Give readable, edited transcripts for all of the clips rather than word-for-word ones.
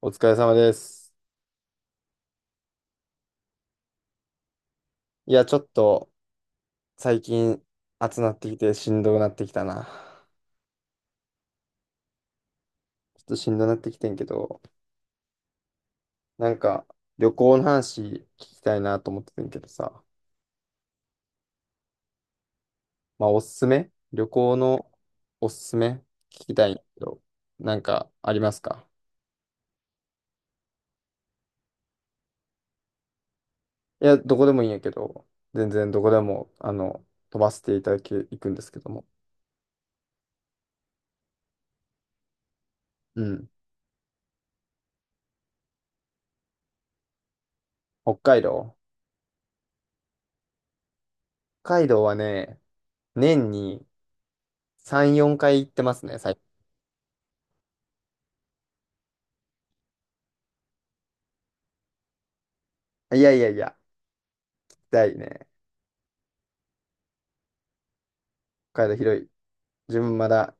お疲れ様です。いや、ちょっと最近暑なってきてしんどくなってきたな。ちょっとしんどくなってきてんけど、なんか旅行の話聞きたいなと思っててんけどさ、まあおすすめ旅行のおすすめ聞きたいんだけど、なんかありますか？いや、どこでもいいんやけど、全然どこでも、飛ばせていただき、いくんですけども。うん。北海道。北海道はね、年に3、4回行ってますね、最近。いやいやいや、行きたいね。北海道広い。自分まだ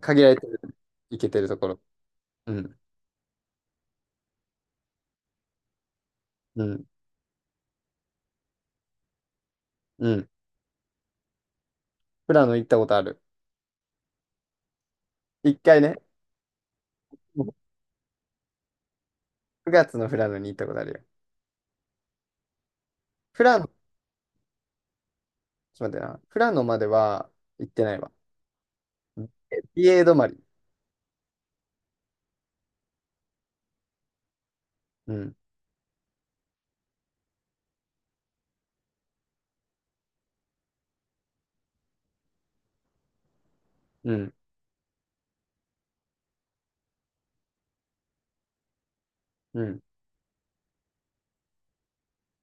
限られてる、行けてるところ。うん、うん、うん。富良野行ったことある。一回ね、9月の富良野に行ったことあるよ。富良野、ちょっと待ってな。富良野までは行ってないわ。美瑛止まり。うん、うん、うん。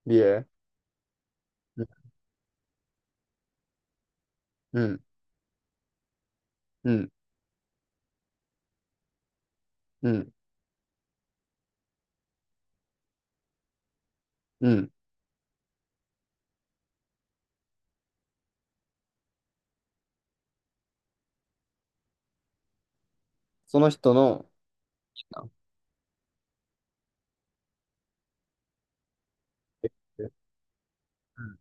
美瑛。うん、うん、うん、うん。その人の、あえうん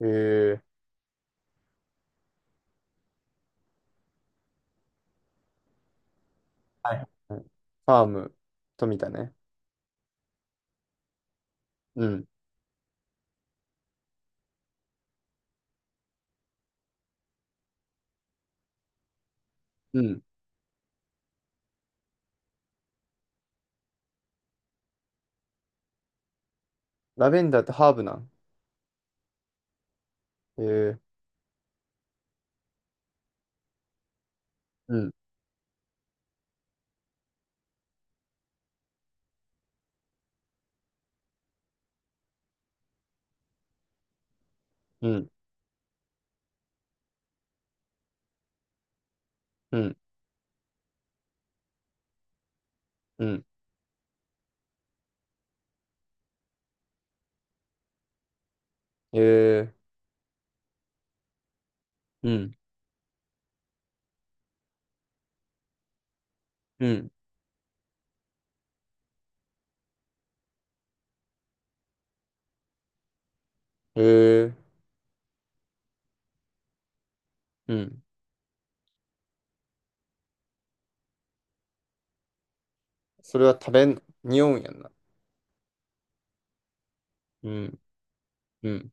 えー、はいファーム、富田ね。うん、うん。ラベンダーってハーブなん？えー、うん、うん、うん、うん。ええうん、うん、ー、うん、それは食べん、匂うんやんな。うん、うん、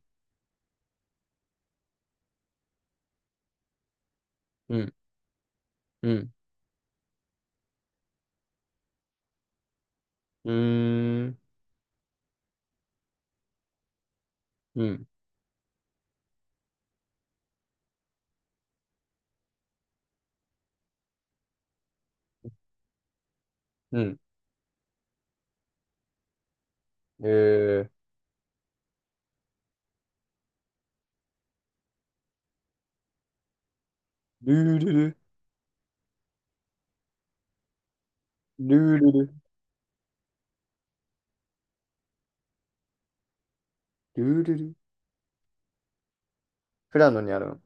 うん、うん、うーん、うん、うん。ええルールル、ルールル、ルールル。富良野にあるの？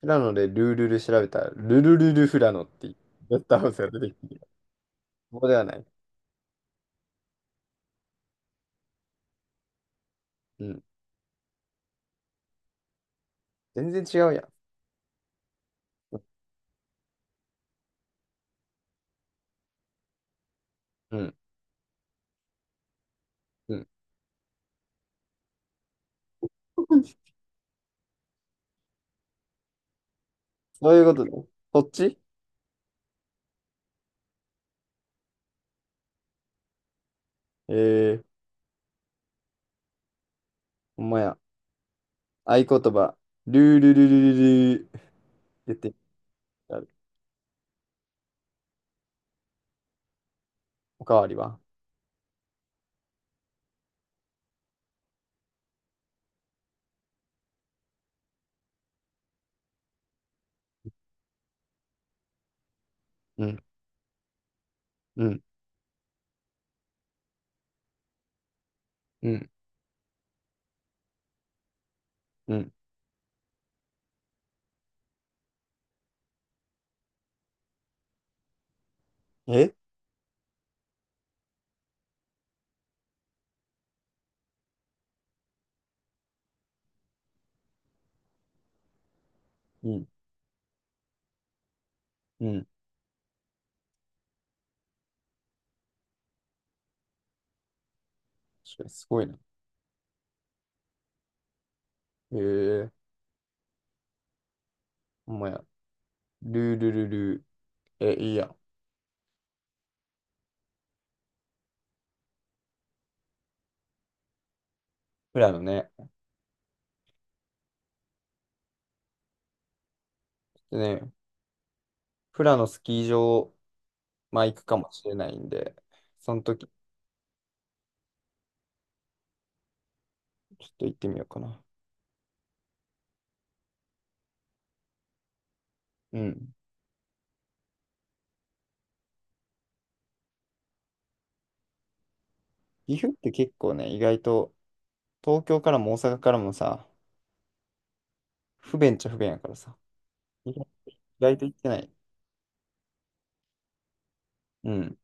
富良野でルールル調べたら、ルルルル富良野っていうゲストハウスが出てきて、ここではない。うん。全然違うやん。うん。うん。そういうことね。こっちえー、ほんまや。合言葉、ルールルルルルー、出てきた。おかわりはうん、うん、うん、うん。えうん、うん。確かにすごいな。へえ、ほんまや。ルールルルー。え、いいやん。富良野ね。でね、富良野スキー場、まあ行くかもしれないんで、その時、ちょっと行ってみようかな。うん。岐阜って結構ね、意外と、東京からも大阪からもさ、不便っちゃ不便やからさ、意外と行ってない。うん、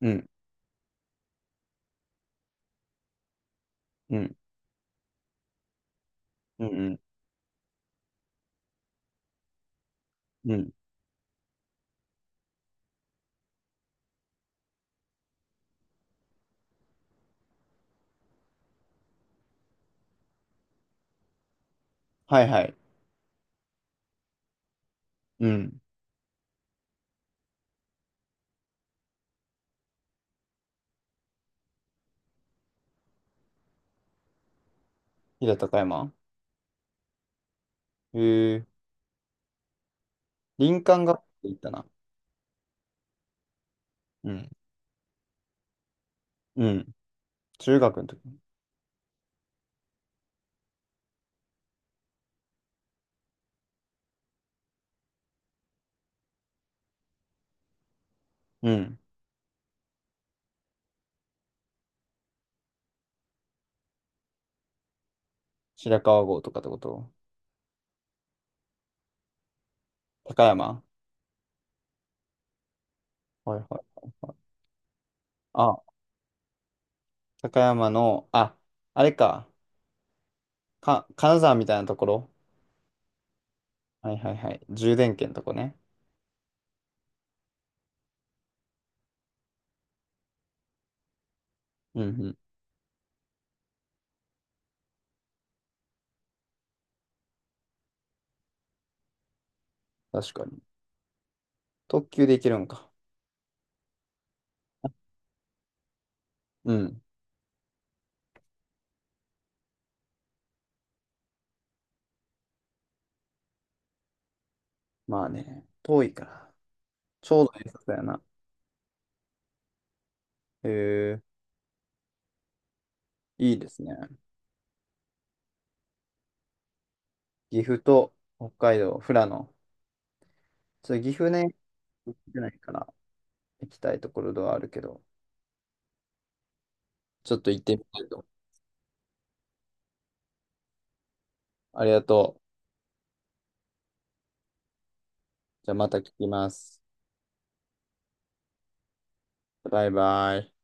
うん、うん、うん、うん、うん。はいはい。うん。飛騨高山。へえ、林間学校行ったな。うん。うん。中学の時。うん。白川郷とかってこと？高山はいはいはいはい。あ、高山の、あ、あれか。金沢みたいなところはいはいはい。充電圏のとこね。うんうん。確かに。特急で行けるんか？うん。まあね。遠いから。ちょうどいいさやな。へえ、いいですね。岐阜と北海道、富良野。そう岐阜ね、行ってないから行きたいところではあるけど、ちょっと行ってみたいと。ありがとう。じゃあまた聞きます。バイバイ。